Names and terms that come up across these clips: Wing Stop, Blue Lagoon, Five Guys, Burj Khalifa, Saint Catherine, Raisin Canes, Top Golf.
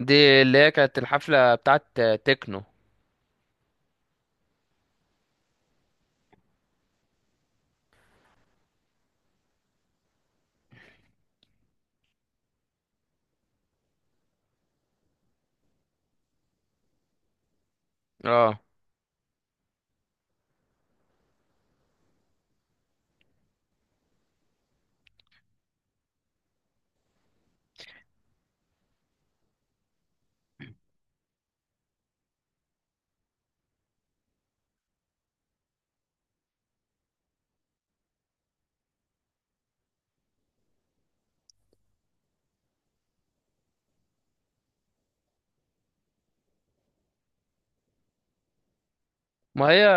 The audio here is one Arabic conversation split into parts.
دي اللي هي كانت الحفلة بتاعت تكنو. اه. ما هي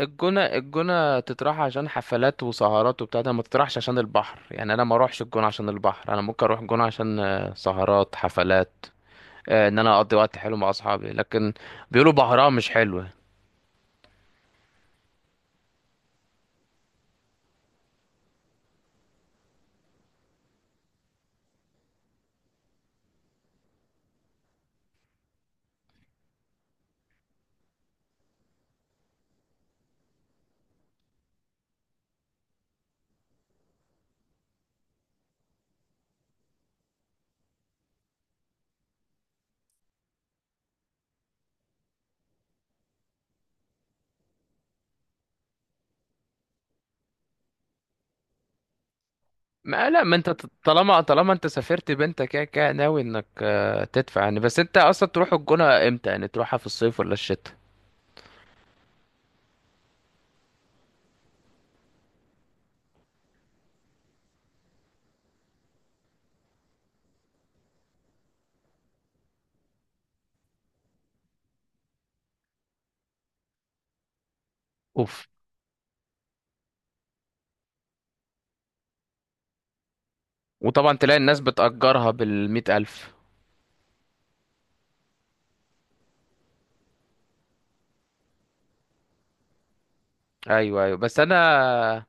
الجونة تطرح عشان حفلات وسهرات وبتاع ده، ما تطرحش عشان البحر. يعني انا ما اروحش الجونة عشان البحر، انا ممكن اروح الجونة عشان سهرات حفلات، ان انا اقضي وقت حلو مع اصحابي، لكن بيقولوا بحرها مش حلوة. ما لا، ما انت طالما انت سافرت بنتك كده كده ناوي انك تدفع يعني. بس انت اصلا تروح الجونة امتى؟ يعني تروحها في الصيف ولا الشتاء؟ اوف. وطبعا تلاقي الناس بتأجرها بالمئة ألف. ايوه، ايوه، بس انا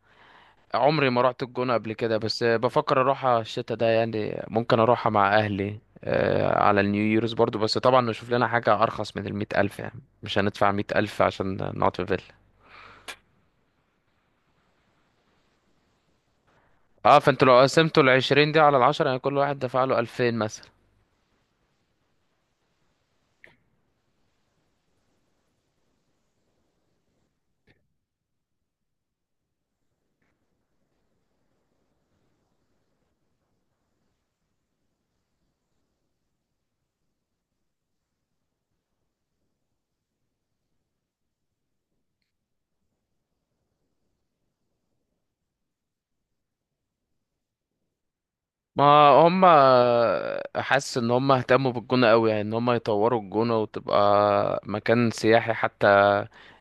عمري ما رحت الجونة قبل كده، بس بفكر اروحها الشتاء ده، يعني ممكن اروحها مع اهلي على النيو ييرز برضو، بس طبعا نشوف لنا حاجة ارخص من المية الف، يعني مش هندفع 100 ألف عشان نقعد في فيلا. اه، فانتوا لو قسمتوا العشرين دي على العشرة يعني كل واحد دفع له 2000 مثلا. ما هم، حاسس ان هم اهتموا بالجونة قوي، يعني ان هم يطوروا الجونة وتبقى مكان سياحي، حتى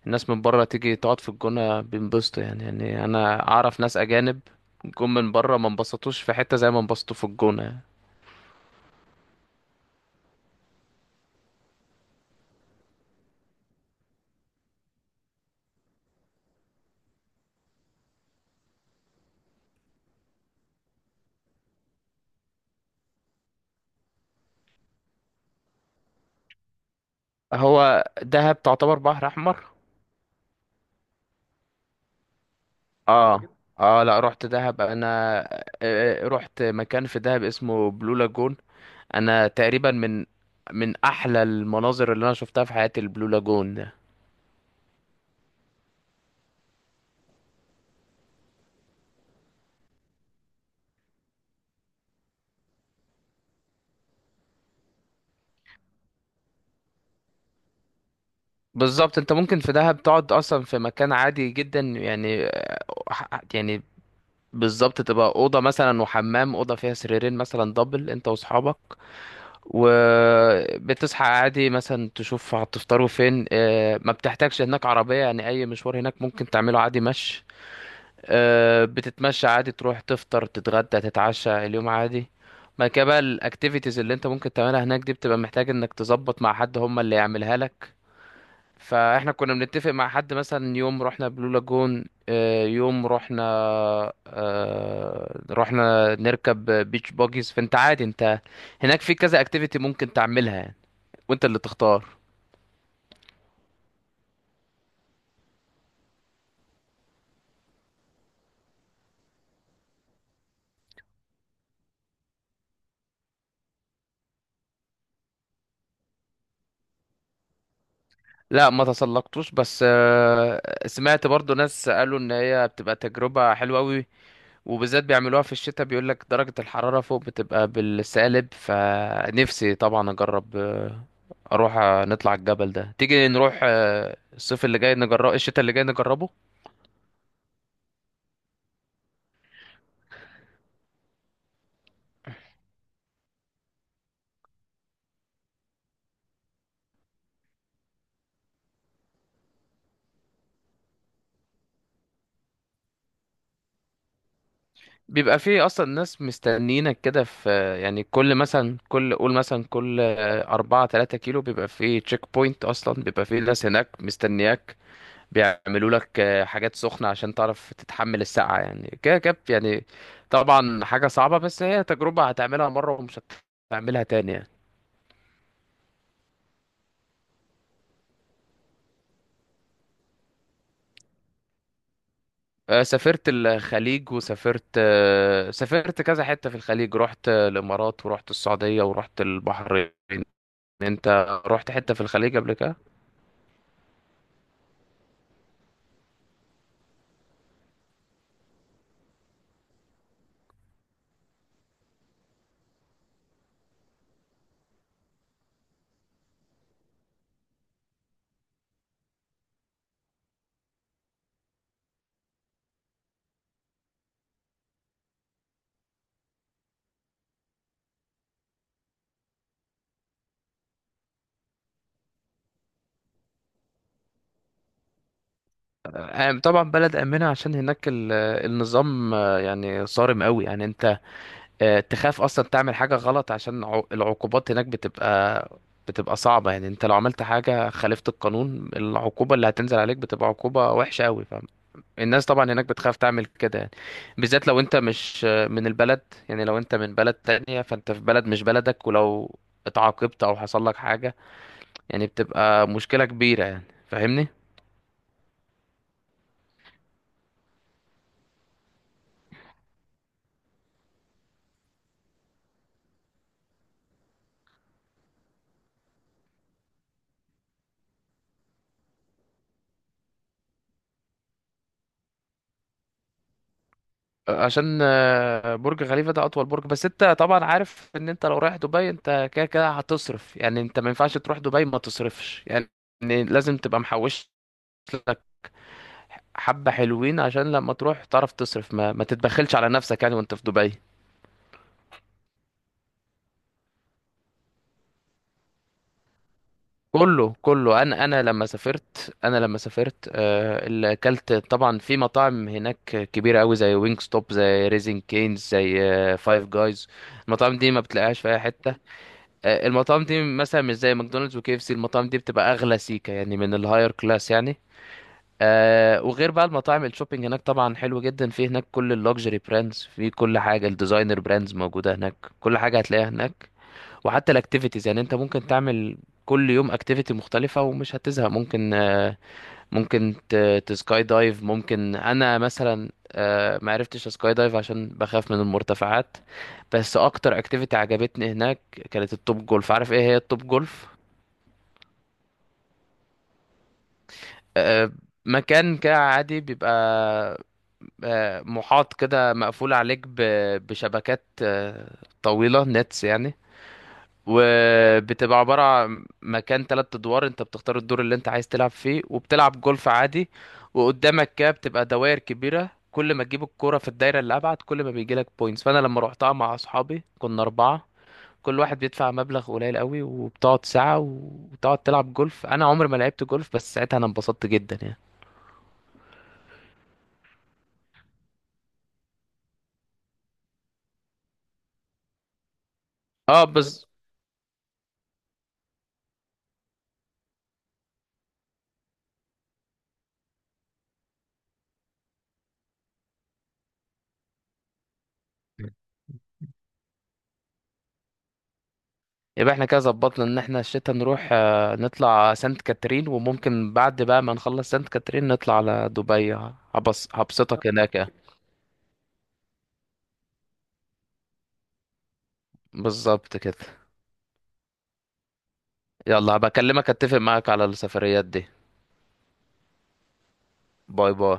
الناس من بره تيجي تقعد في الجونة بينبسطوا يعني انا اعرف ناس اجانب جم من بره، ما انبسطوش في حتة زي ما انبسطوا في الجونة يعني. هو دهب تعتبر بحر احمر؟ اه. اه، لا، رحت دهب انا. رحت مكان في دهب اسمه بلو لاجون. انا تقريبا من احلى المناظر اللي انا شفتها في حياتي البلو لاجون. بالظبط، انت ممكن في دهب تقعد اصلا في مكان عادي جدا يعني، يعني بالظبط تبقى اوضه مثلا وحمام، اوضه فيها سريرين مثلا دبل، انت واصحابك. وبتصحى عادي مثلا تشوف هتفطروا فين، ما بتحتاجش هناك عربيه، يعني اي مشوار هناك ممكن تعمله عادي مشي. بتتمشى عادي، تروح تفطر تتغدى تتعشى اليوم عادي. بعد كده بقى الاكتيفيتيز اللي انت ممكن تعملها هناك دي، بتبقى محتاج انك تظبط مع حد هم اللي يعملها لك. فاحنا كنا بنتفق مع حد، مثلا يوم رحنا بلو لاجون، آه، يوم رحنا آه، رحنا نركب بيتش باجيز. فانت عادي، انت هناك في كذا اكتيفيتي ممكن تعملها يعني، وانت اللي تختار. لا ما تسلقتوش، بس سمعت برضو ناس قالوا ان هي بتبقى تجربة حلوة قوي، وبالذات بيعملوها في الشتاء، بيقول لك درجة الحرارة فوق بتبقى بالسالب. فنفسي طبعا اجرب، اروح، نطلع الجبل ده، تيجي نروح، الصيف اللي جاي نجرب، الشتاء اللي جاي نجربه. بيبقى فيه اصلا ناس مستنيينك كده في، آه، يعني كل مثلا كل قول مثلا كل آه، أربعة تلاتة كيلو بيبقى فيه تشيك بوينت، اصلا بيبقى فيه ناس هناك مستنياك، بيعملوا لك حاجات سخنة عشان تعرف تتحمل السقعة يعني كده كده يعني. طبعا حاجة صعبة، بس هي تجربة هتعملها مرة ومش هتعملها تاني يعني. سافرت الخليج، وسافرت آه، سافرت كذا حتة في الخليج، رحت الإمارات ورحت السعودية ورحت البحرين. انت رحت حتة في الخليج قبل كده؟ طبعا بلد آمنة، عشان هناك النظام يعني صارم قوي، يعني انت تخاف اصلا تعمل حاجه غلط عشان العقوبات هناك بتبقى صعبه، يعني انت لو عملت حاجه خالفت القانون، العقوبه اللي هتنزل عليك بتبقى عقوبه وحشه قوي. فالناس طبعا هناك بتخاف تعمل كده يعني. بالذات لو انت مش من البلد، يعني لو انت من بلد تانية، فانت في بلد مش بلدك، ولو اتعاقبت او حصل لك حاجه يعني بتبقى مشكله كبيره يعني، فاهمني. عشان برج خليفة ده أطول برج. بس أنت طبعا عارف إن أنت لو رايح دبي، أنت كده كده هتصرف يعني، أنت ما ينفعش تروح دبي ما تصرفش يعني، لازم تبقى محوش لك حبة حلوين عشان لما تروح تعرف تصرف، ما تتبخلش على نفسك يعني وأنت في دبي. كله كله، أنا لما سافرت اللي أكلت طبعا في مطاعم هناك كبيرة أوي، زي وينج ستوب، زي ريزين كينز، زي فايف جايز. المطاعم دي ما بتلاقيهاش في أي حتة. المطاعم دي مثلا مش زي ماكدونالدز وكي اف سي، المطاعم دي بتبقى اغلى سيكا، يعني من الهاير كلاس يعني. وغير بقى المطاعم، الشوبينج هناك طبعا حلو جدا، في هناك كل اللوكسجري براندز، في كل حاجه الديزاينر براندز موجوده هناك، كل حاجه هتلاقيها هناك. وحتى الاكتيفيتيز يعني انت ممكن تعمل كل يوم اكتيفيتي مختلفه ومش هتزهق، ممكن تسكاي دايف، ممكن انا مثلا ما عرفتش اسكاي دايف عشان بخاف من المرتفعات. بس اكتر اكتيفيتي عجبتني هناك كانت التوب جولف. عارف ايه هي التوب جولف؟ آه، مكان كده عادي، بيبقى محاط كده، مقفول عليك بشبكات طويلة، نتس يعني. وبتبقى عبارة عن مكان 3 أدوار، أنت بتختار الدور اللي أنت عايز تلعب فيه وبتلعب جولف عادي، وقدامك كده بتبقى دوائر كبيرة، كل ما تجيب الكرة في الدايرة اللي أبعد كل ما بيجيلك بوينتس. فأنا لما روحتها مع أصحابي كنا أربعة، كل واحد بيدفع مبلغ قليل قوي وبتقعد ساعة وتقعد تلعب جولف، أنا عمري ما لعبت جولف بس ساعتها أنا انبسطت جدا يعني. اه بس. يبقى احنا كده ظبطنا ان احنا الشتا نروح نطلع سانت كاترين، وممكن بعد بقى ما نخلص سانت كاترين نطلع على دبي، هبص هبسطك هناك يعني. بالظبط كده. يلا هبكلمك، اتفق معاك على السفريات دي. باي باي.